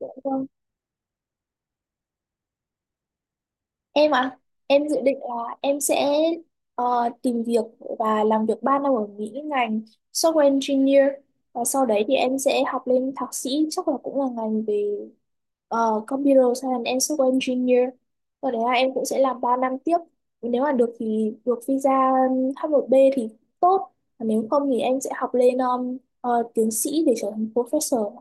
Dạ vâng. Em ạ, em dự định là em sẽ tìm việc và làm việc 3 năm ở Mỹ ngành software engineer, và sau đấy thì em sẽ học lên thạc sĩ, chắc là cũng là ngành về computer science and software engineer. Sau đấy là em cũng sẽ làm 3 năm tiếp. Nếu mà được thì được visa H1B thì tốt, còn nếu không thì em sẽ học lên tiến sĩ để trở thành professor.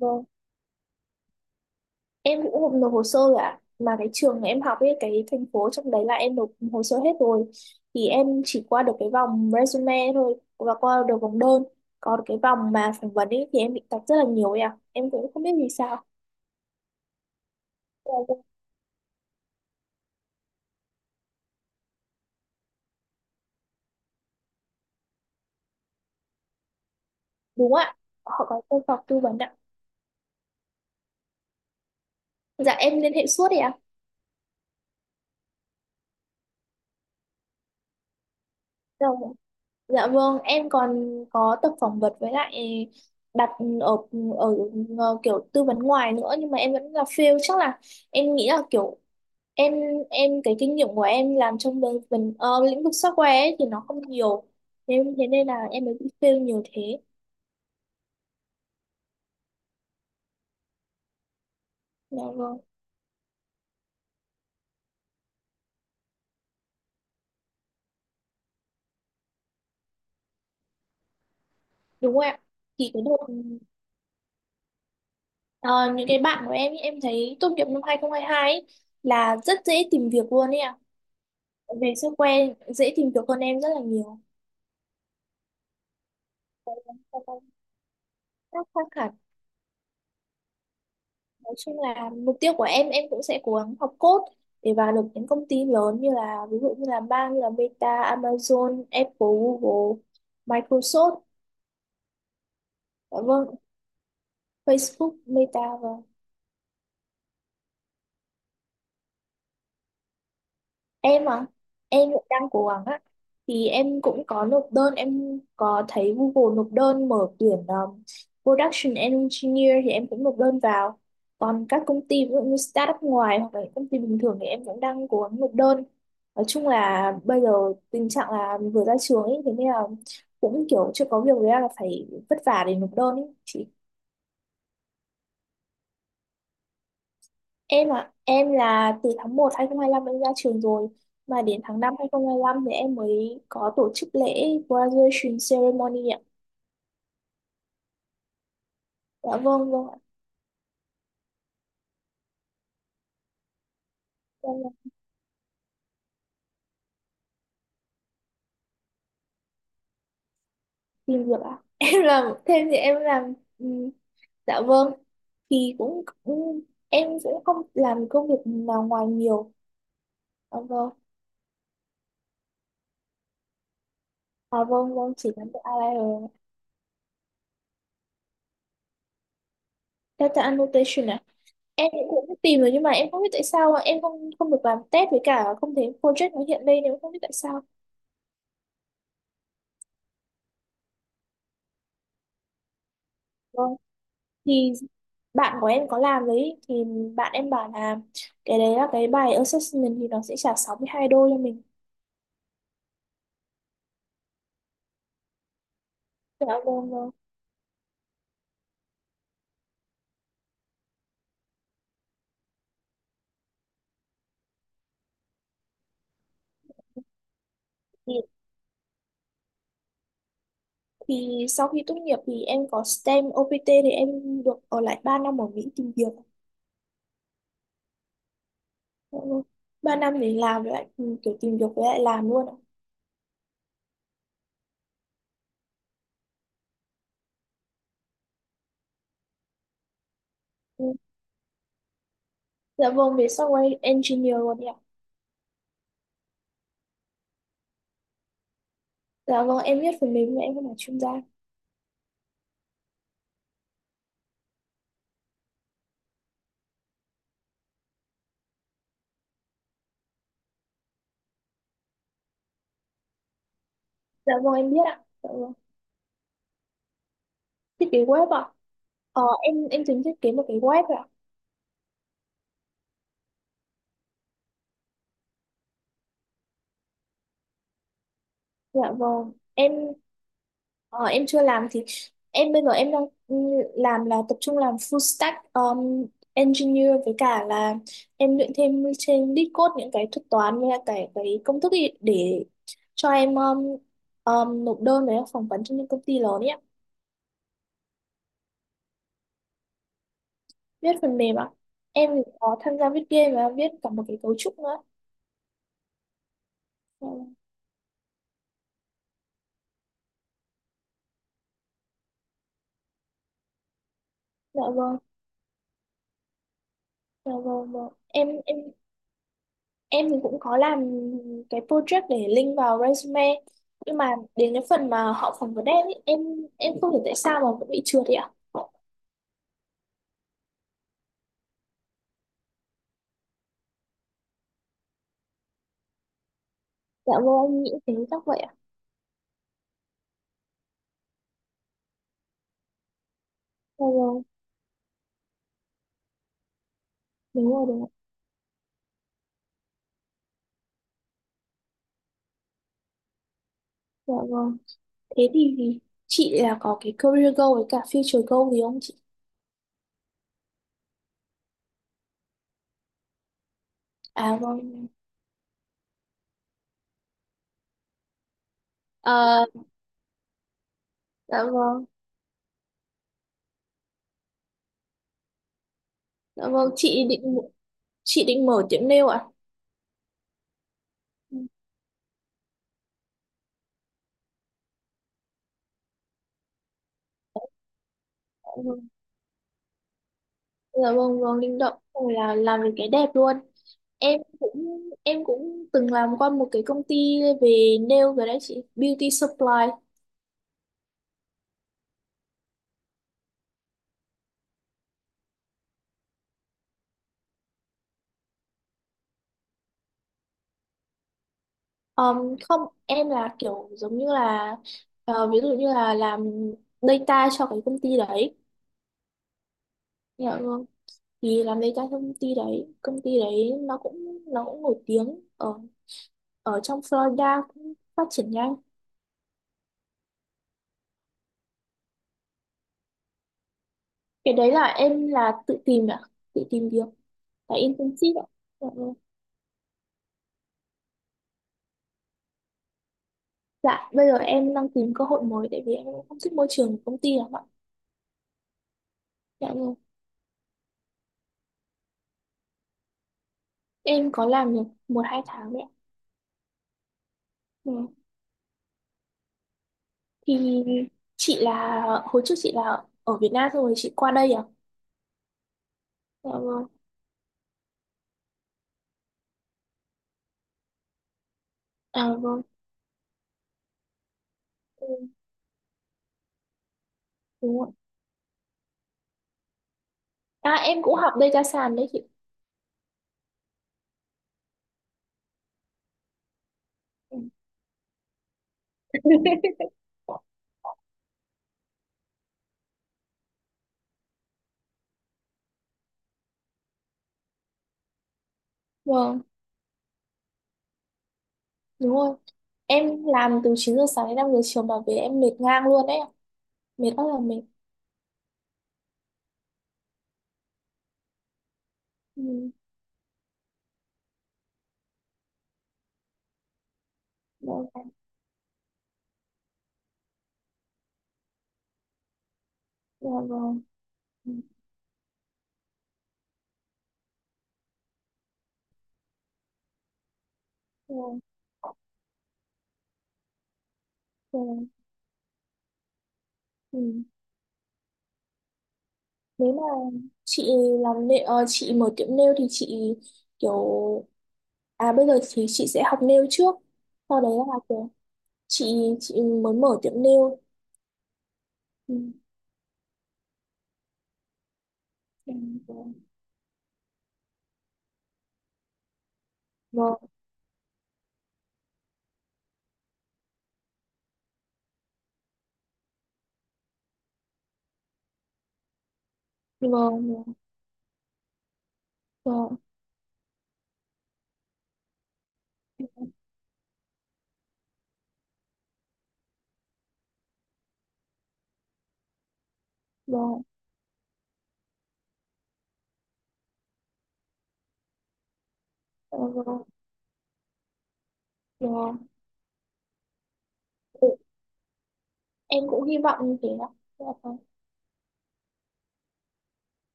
Vâng. Em cũng không nộp hồ sơ rồi ạ, mà cái trường em học ấy, cái thành phố trong đấy là em nộp hồ sơ hết rồi, thì em chỉ qua được cái vòng resume thôi và qua được vòng đơn. Còn cái vòng mà phỏng vấn ấy thì em bị tạch rất là nhiều ấy ạ, em cũng không biết vì sao. Dạ, dạ. Đúng ạ, họ có công phòng tư vấn ạ. Dạ em liên hệ suốt ấy ạ. Dạ, vâng. Dạ vâng, em còn có tập phỏng vấn với lại đặt ở, ở ở kiểu tư vấn ngoài nữa, nhưng mà em vẫn là fail. Chắc là em nghĩ là kiểu em em cái kinh nghiệm của em làm trong bên lĩnh vực software ấy thì nó không nhiều, nên thế nên là em mới bị fail nhiều thế. Dạ vâng. Đúng rồi ạ. Thì cái đợt ờ, những cái bạn của em ý, em thấy tốt nghiệp năm 2022 ấy, là rất dễ tìm việc luôn ấy ạ. Về software dễ tìm việc hơn em rất là nhiều, các khác hẳn. Nói chung là mục tiêu của em, cũng sẽ cố gắng học code để vào được những công ty lớn, như là ví dụ như là bang như là Meta, Amazon, Apple, Google, Microsoft. Dạ vâng, Facebook, Meta, và em à, em cũng đang cố gắng á. Thì em cũng có nộp đơn, em có thấy Google nộp đơn mở tuyển Production Engineer thì em cũng nộp đơn vào. Còn các công ty ví dụ như startup ngoài, hoặc là những công ty bình thường, thì em cũng đang cố gắng nộp đơn. Nói chung là bây giờ tình trạng là vừa ra trường ấy, thế nên là cũng kiểu chưa có việc, với là phải vất vả để nộp đơn ấy. Chị. Em ạ, em là từ tháng 1 lăm em ra trường rồi, mà đến tháng 5 lăm thì em mới có tổ chức lễ graduation ceremony ạ. Dạ vâng, vâng ạ. Em là tìm việc ạ. Em làm thêm thì em làm dạ vâng, thì cũng em sẽ không làm công việc nào ngoài nhiều. Dạ vâng. À vâng vâng, chỉ làm được IR. Data annotation ạ. Em cũng tìm rồi nhưng mà em không biết tại sao ạ. Em không không được làm test, với cả không thấy project nó hiện lên, em không biết tại sao. Vâng. Thì bạn của em có làm đấy, thì bạn em bảo là cái đấy là cái bài assessment thì nó sẽ trả 62 đô cho mình. Dạ vâng, vâng. thì, thì sau khi tốt nghiệp thì em có STEM OPT, thì em được ở lại 3 năm ở Mỹ tìm việc. Dạ vâng. 3 năm để làm với lại kiểu tìm việc với lại làm luôn ạ. Ừ. Dạ vâng, về software engineer luôn ạ. Dạ vâng, em biết phần mềm nhưng em không phải chuyên gia. Dạ vâng em biết ạ. Dạ vâng, thiết kế web ạ. Em tính thiết kế một cái web ạ. Dạ vâng em, Ờ, em chưa làm thì em bây giờ em đang ừ, làm, là tập trung làm full stack engineer, với cả là em luyện thêm trên Discord những cái thuật toán với cả cái công thức ý, để cho em nộp đơn với phỏng vấn cho những công ty lớn ấy ạ. Viết phần mềm ạ. Em thì có tham gia viết game và viết cả một cái cấu trúc nữa. Ờ, Dạ vâng, dạ vâng, vâng. Em thì cũng có làm cái project để link vào resume, nhưng mà đến cái phần mà họ phỏng vấn em ý, em không hiểu tại sao mà vẫn bị trượt vậy ạ. Dạ vâng, em nghĩ thế, chắc vậy ạ. Dạ vâng, đúng rồi đúng rồi. Dạ vâng. Thế thì chị là có cái career goal với cả future goal gì không chị? À vâng. À, dạ vâng. Dạ vâng, chị định mở tiệm nail ạ? Dạ vâng. Dạ vâng, vâng, linh động. Rồi là làm được cái đẹp luôn. Em cũng từng làm qua một cái công ty về nail rồi đấy chị, beauty supply. Không, em là kiểu giống như là, ví dụ như là làm data cho cái công ty đấy, hiểu không? Thì làm data cho công ty đấy, công ty đấy nó cũng nổi tiếng ở ở trong Florida, cũng phát triển nhanh. Cái đấy là em là tự tìm ạ, tự tìm việc, là internship ạ. Dạ vâng. Dạ, bây giờ em đang tìm cơ hội mới, tại vì em cũng không thích môi trường của công ty lắm ạ. Dạ vâng. Em có làm được 1-2 tháng đấy ạ. Ừ. Thì chị là hồi trước chị là ở Việt Nam xong rồi chị qua đây à? Dạ vâng. À vâng. Ừ, đúng rồi. À, em cũng học data science đấy chị. Ừ. Vâng, đúng rồi. Em làm từ 9 giờ sáng đến 5 giờ chiều mà về em mệt ngang luôn đấy ạ. Mệt, rất là mệt. Ừ. Dạ vâng. Dạ vâng. Ừ. Dạ vâng. Dạ vâng. Ừ. Nếu mà chị làm nail, chị mở tiệm nail thì chị kiểu, à bây giờ thì chị sẽ học nail trước. Sau đấy là kiểu chị muốn mở tiệm nail. Ừ, vâng vâng vâng vâng vâng vâng vâng, vâng. Ừ, em cũng hy vọng như thế đó. Dạ vâng,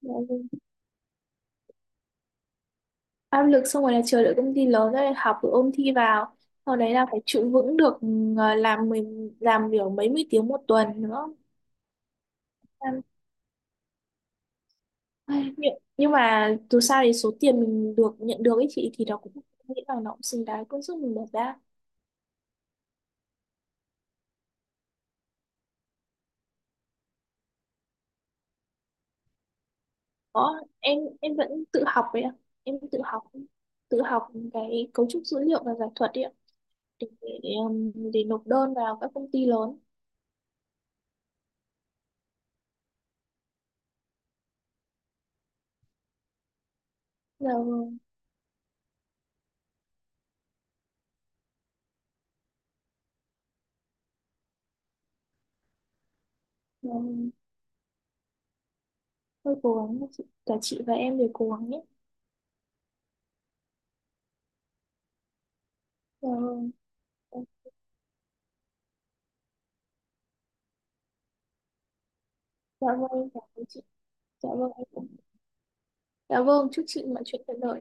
dạ vâng. Áp lực xong rồi là chờ đợi công ty lớn, rồi học rồi ôn thi vào. Sau đấy là phải trụ vững được, làm mình làm kiểu mấy mươi tiếng một tuần nữa. Em- Ai, nhưng mà dù sao thì số tiền mình được nhận được ấy chị, thì nó cũng, nghĩ là nó cũng xứng đáng công sức mình bỏ ra. Ủa, em vẫn tự học đấy ạ. Em tự học, tự học cái cấu trúc dữ liệu và giải thuật đấy ạ, để, để nộp đơn vào các công ty lớn. Giờ giờ tôi cố gắng, cả chị và em đều cố gắng nhé. Giờ, dạ vâng, cảm ơn chị. Dạ vâng, dạ vâng, chúc chị mọi chuyện thuận lợi.